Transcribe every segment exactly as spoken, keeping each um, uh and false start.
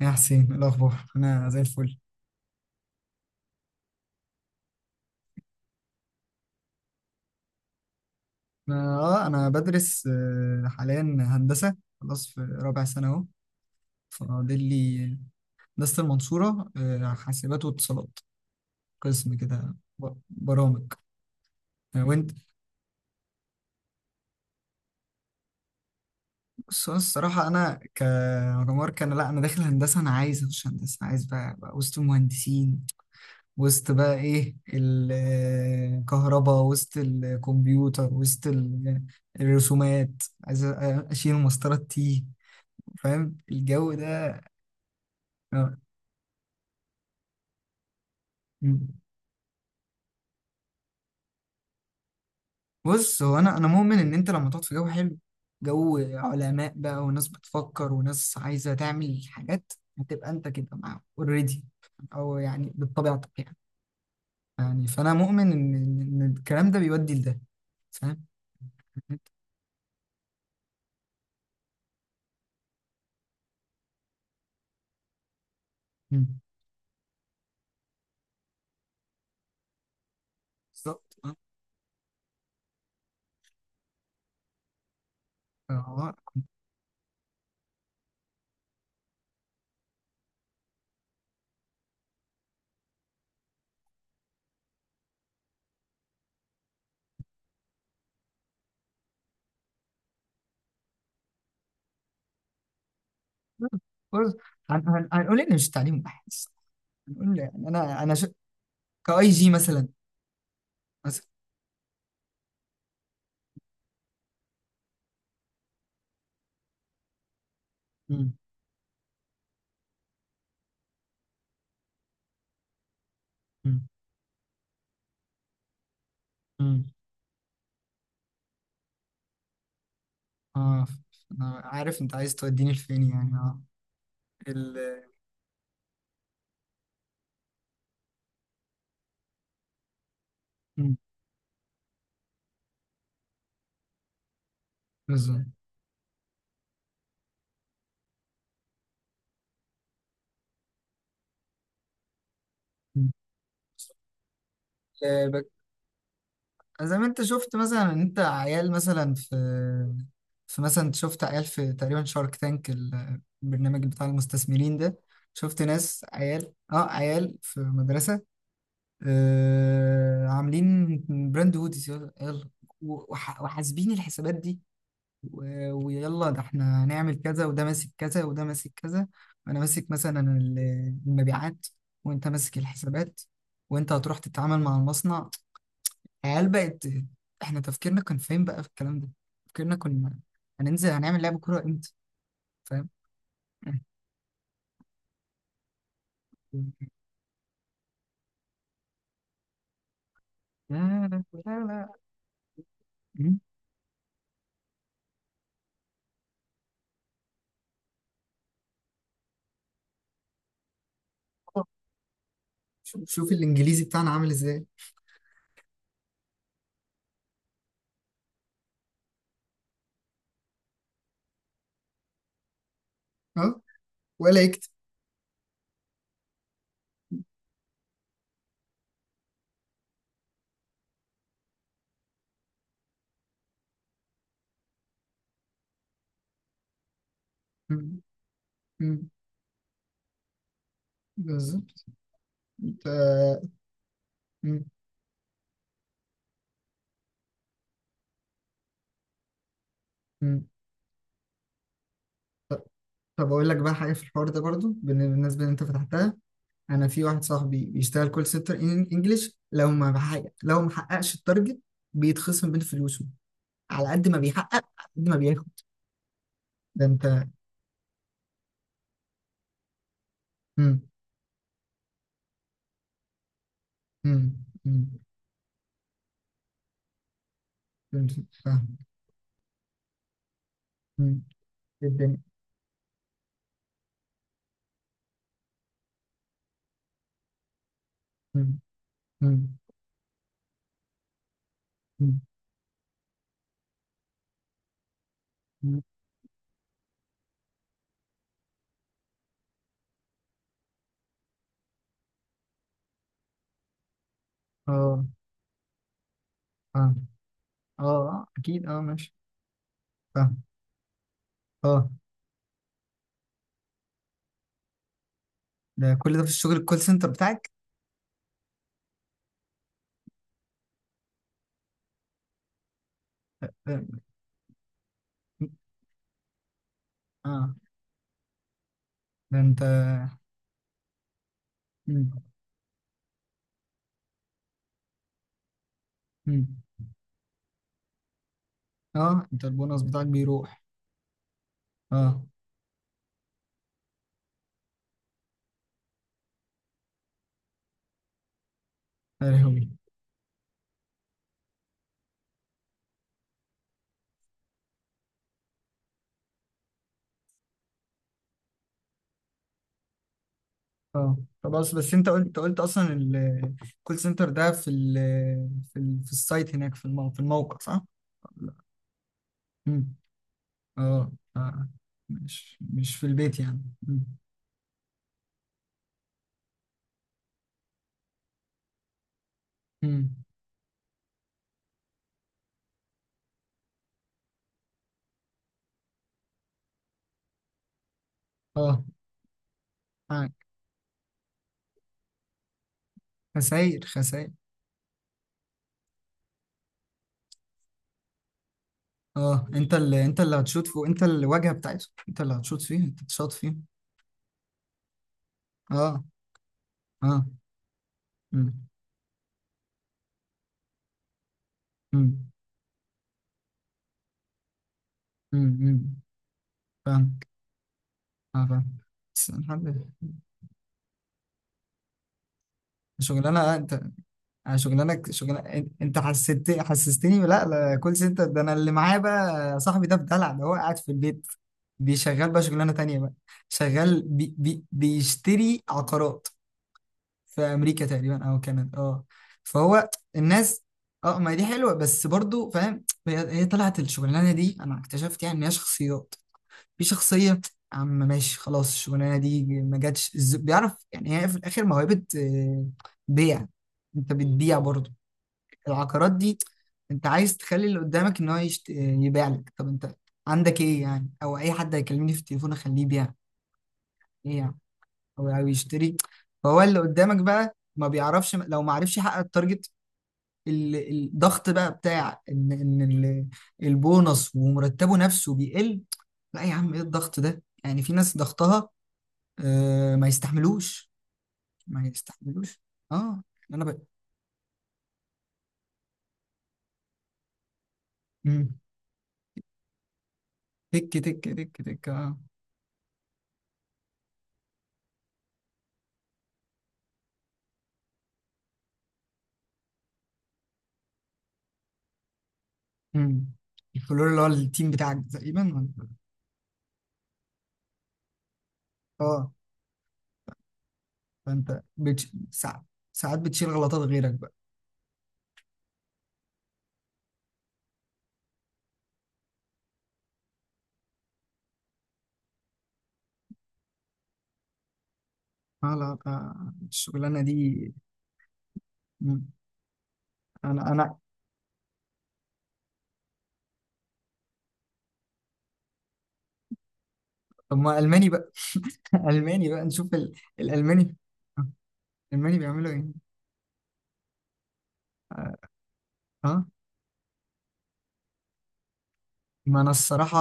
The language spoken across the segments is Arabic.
يا حسين إيه الأخبار؟ أنا زي الفل. أنا آه أنا بدرس آه، حاليا هندسة. خلاص في رابع سنة أهو، فاضل لي هندسة المنصورة، آه، حاسبات واتصالات، قسم كده ب- برامج. آه، وأنت؟ بص أنا الصراحة أنا كعمر كان لأ، أنا داخل هندسة، أنا عايز أخش هندسة، عايز بقى, بقى وسط المهندسين، وسط بقى إيه الكهرباء، وسط الكمبيوتر، وسط ال- الرسومات، عايز أ- أشيل مسطرة تي. فاهم الجو ده؟ آه. مم. بص هو انا انا مؤمن ان انت لما تقعد في جو حلو، جو علماء بقى وناس بتفكر وناس عايزه تعمل حاجات، هتبقى انت كده معاهم اوريدي، او يعني بطبيعتك يعني. يعني فانا مؤمن ان ان إن الكلام ده بيودي لده، فاهم. مم. بالظبط اه. آه. بص، هن- هن- هنقول ان مش تعليم واحد الصراحة. هنقول يعني انا انا ش... كاي جي مثلا، مثلا. مم. مم. اه انا عارف انت عايز توديني لفين يعني، اه ال. مم. بالظبط. مم. آه، بك- زي ما انت شفت، مثلا انت عيال مثلا في، في مثلا انت شفت عيال في تقريبا شارك تانك، البرنامج بتاع المستثمرين ده، شفت ناس عيال اه، عيال في مدرسة، آه عاملين براند هوديز يلا يلا، وح- وحاسبين الحسابات دي، و- ويلا ده احنا هنعمل كذا، وده ماسك كذا، وده ماسك كذا، وانا ماسك مثلا ال- المبيعات، وانت ماسك الحسابات، وانت هتروح تتعامل مع المصنع. عيال بقت، احنا تفكيرنا كان فين بقى في الكلام ده؟ تفكيرنا كنا هننزل هنعمل لعب كورة امتى، فاهم. لا لا لا لا. مم. شوف شوف الانجليزي بتاعنا عامل ازاي. اه، ولا يكتب. مم. مم. بالظبط. ف-. مم. مم. طب اقول لك بقى حاجه في الحوار ده برضو بالن- بالنسبه اللي انت فتحتها، انا في واحد صاحبي بيشتغل كول سنتر انجلش، لو ما بحقق لو ما حققش التارجت بيتخصم من فلوسه، على قد ما بيحقق على قد ما بياخد. ده انت. مم. مم. مم. فهمت. فاهم. مم. إيه الدنيا. مم. مم. مم. مم. اه اه اه آه، اكيد اه ماشي. فاهم. اه. ده كل ده في الشغل الكول سنتر بتاعك؟ فاهم. اه. ده انت. مم. مم. اه، انت البونص بتاعك بيروح. اه، يا لهوي. اه. طب اصل بس انت قلت قلت اصلا الكول سنتر ده في ال في ال في السايت هناك في المو... في الموقع، صح؟ امم. اه. آه. مش مش في البيت يعني. امم. امم. اه، معاك، خساير خساير. اه، انت اللي انت اللي هتشوط فوق، انت الواجهه بتاعته، انت اللي هتشوط فيه، انت تشوط فيه. اه. اه. امم. امم. امم. امم. فاهمك. اه، فاهم. بس الحمد لله. شغلانه انت، انا شغلانك شغل. انت حسست حسستني، لا لا كول سنتر ده انا اللي معايا بقى صاحبي ده بدلع، ده هو قاعد في البيت، بيشغل بقى شغلانه تانية بقى، شغال بي بي بيشتري عقارات في امريكا تقريبا او كندا اه. فهو الناس، اه ما دي حلوه، بس برضو فاهم هي هي طلعت الشغلانه دي، انا اكتشفت يعني ان هي شخصيات، في شخصيه يا عم، ماشي خلاص الشغلانه دي ما جاتش الز- بيعرف يعني، هي في الاخر موهبه. آه، بيع. انت بتبيع برضو العقارات دي؟ انت عايز تخلي اللي قدامك ان هو يشت... يبيع لك. طب انت عندك ايه يعني، او اي حد هيكلمني في التليفون اخليه يبيع ايه يعني، او او يشتري. فهو اللي قدامك بقى ما بيعرفش، لو ما عرفش يحقق التارجت، ال- الضغط بقى بتاع ان ان ال- البونص ومرتبه نفسه بيقل. لا يا عم، ايه الضغط ده؟ يعني في ناس ضغطها آه ما يستحملوش، ما يستحملوش، اه. انا بقى. مم. تك تك تك تك اه. مم. الفلور اللي هو التيم بتاعك تقريبا ولا-؟ اه. فانت بتش... ساعات، ساعات بتشيل غلطات غيرك بقى. اه لا، آه، الشغلانه دي. مم. انا انا. طب ما الماني بقى. الماني بقى نشوف ال... الالماني. آه، الالماني بيعملوا ايه؟ اه. آه. ما انا الصراحه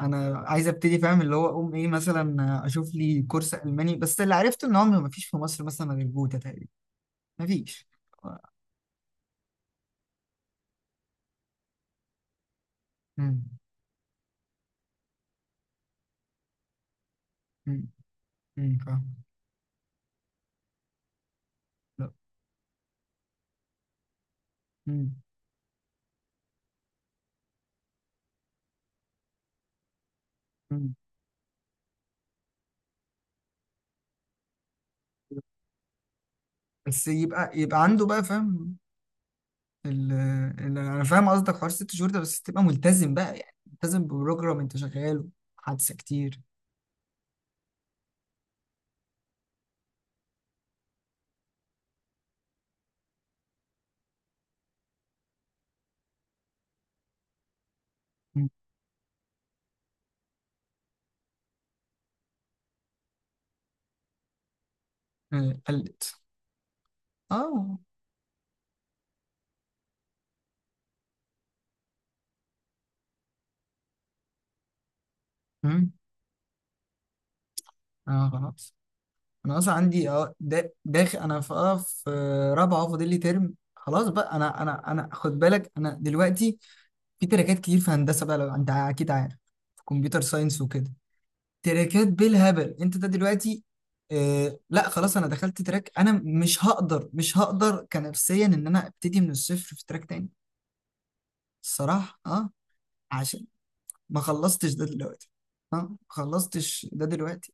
انا عايز ابتدي، فاهم اللي هو اقوم ايه مثلا، اشوف لي كورس الماني، بس اللي عرفته ان هو ما فيش في مصر مثلا غير جوتا تقريبا، ما فيش. امم. امم، فاهم. لا. امم. بس يبقى يبقى عنده بقى، فاهم ال... ال... انا فاهم قصدك، حوار ست شهور ده بس تبقى ملتزم بقى، يعني ملتزم ببروجرام انت شغاله، حادثة كتير. م. آه، قلت. اه. امم. اه خلاص، انا اصلا عندي اه دا- داخل انا في اه في رابعه، فاضل لي ترم خلاص بقى. انا انا انا خد بالك انا دلوقتي في تراكات كتير في هندسه بقى، لو انت اكيد عارف، في كمبيوتر ساينس وكده، تراكات بالهبل انت ده دلوقتي. آه لا خلاص انا دخلت تراك، انا مش هقدر مش هقدر كنفسيا ان انا ابتدي من الصفر في تراك تاني. الصراحة اه، عشان ما خلصتش ده دلوقتي، اه ما خلصتش ده دلوقتي.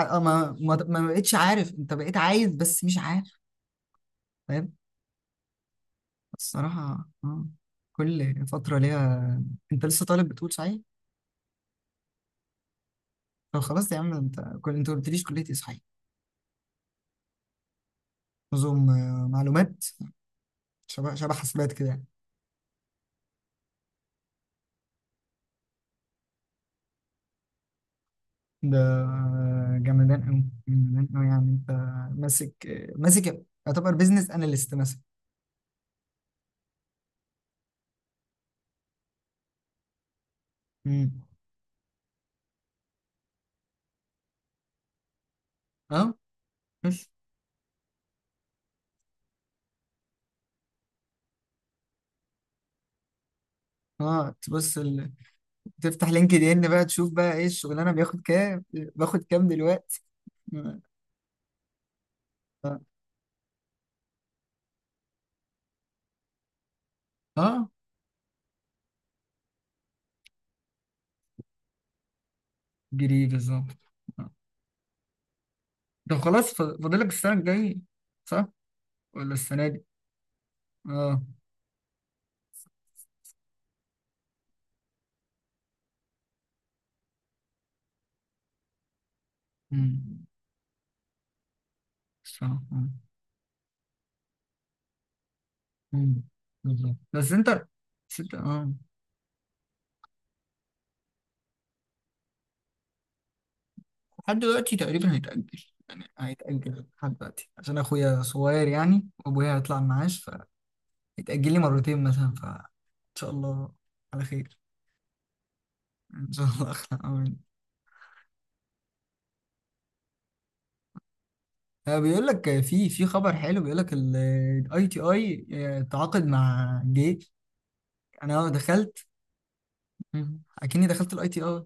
آه آه، ما ما ما بقتش عارف، انت بقيت عايز بس مش عارف، فاهم. الصراحة اه، كل فترة ليها. انت لسه طالب بتقول صحيح؟ طب خلاص يا عم انت، كل انت ما قلتليش كلية ايه صحيح. نظم، آه، معلومات. شبه شبه حاسبات كده يعني. ده جمدان أوي جمدان أوي، يعني أنت ماسك، ماسك يعتبر بيزنس أناليست مثلا. مم. أه. بس أه تبص ال... تفتح لينكد إن بقى تشوف بقى إيه الشغلانة بياخد كام باخد كام دلوقتي. أه. آه، آه، جري بالظبط. آه. طب خلاص ف- فاضلك السنة الجاية صح ولا السنة دي؟ أه. مم. صح. آه. مم. بالظبط. بس أنت، بس أنت أه لحد دلوقتي تقريبا هيتأجل، يعني هيتأجل لحد دلوقتي عشان أخويا صغير يعني، وأبويا هيطلع المعاش، فهيتأجل لي مرتين مثلا، فإن شاء الله على خير. إن شاء الله أخلع، أمين. آه، بيقول لك في في خبر حلو، بيقول لك الاي تي اي تعاقد مع جيش. انا دخلت. مم. اكني دخلت الاي تي اي.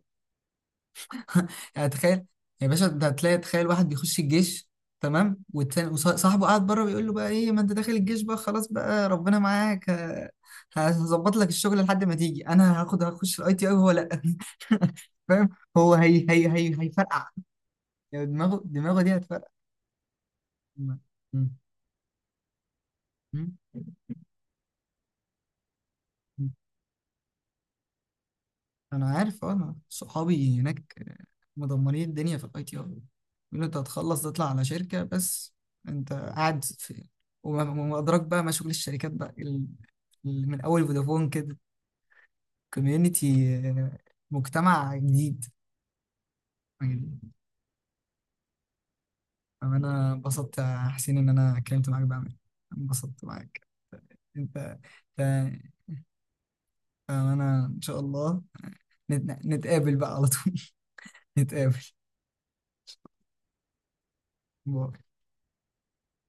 يعني تخيل يا باشا، انت هتلاقي تخيل واحد بيخش الجيش، تمام، والتاني وصاحبه قاعد بره بيقول له بقى ايه، ما انت داخل الجيش بقى خلاص بقى ربنا معاك، ه- هظبط لك الشغل لحد ما تيجي، انا هاخد هخش الاي تي اي وهو لا. فاهم. هو هي هي هي هيفرقع، يعني دماغه دماغه دي هتفرقع. م- م- م- انا عارف اه، انا صحابي هناك مدمرين الدنيا في الاي تي اي، يقولوا انت هتخلص تطلع على شركه بس، انت قاعد في، وما وما ادراك بقى ما شغل الشركات بقى ال- ال- من اول فودافون كده. كوميونتي، مجتمع جديد، جديد. انا انبسطت يا حسين ان انا اتكلمت معاك بقى، انبسطت معاك. انت، انت، انا ان شاء الله نت- نتقابل بقى على طول. نتقابل. باي.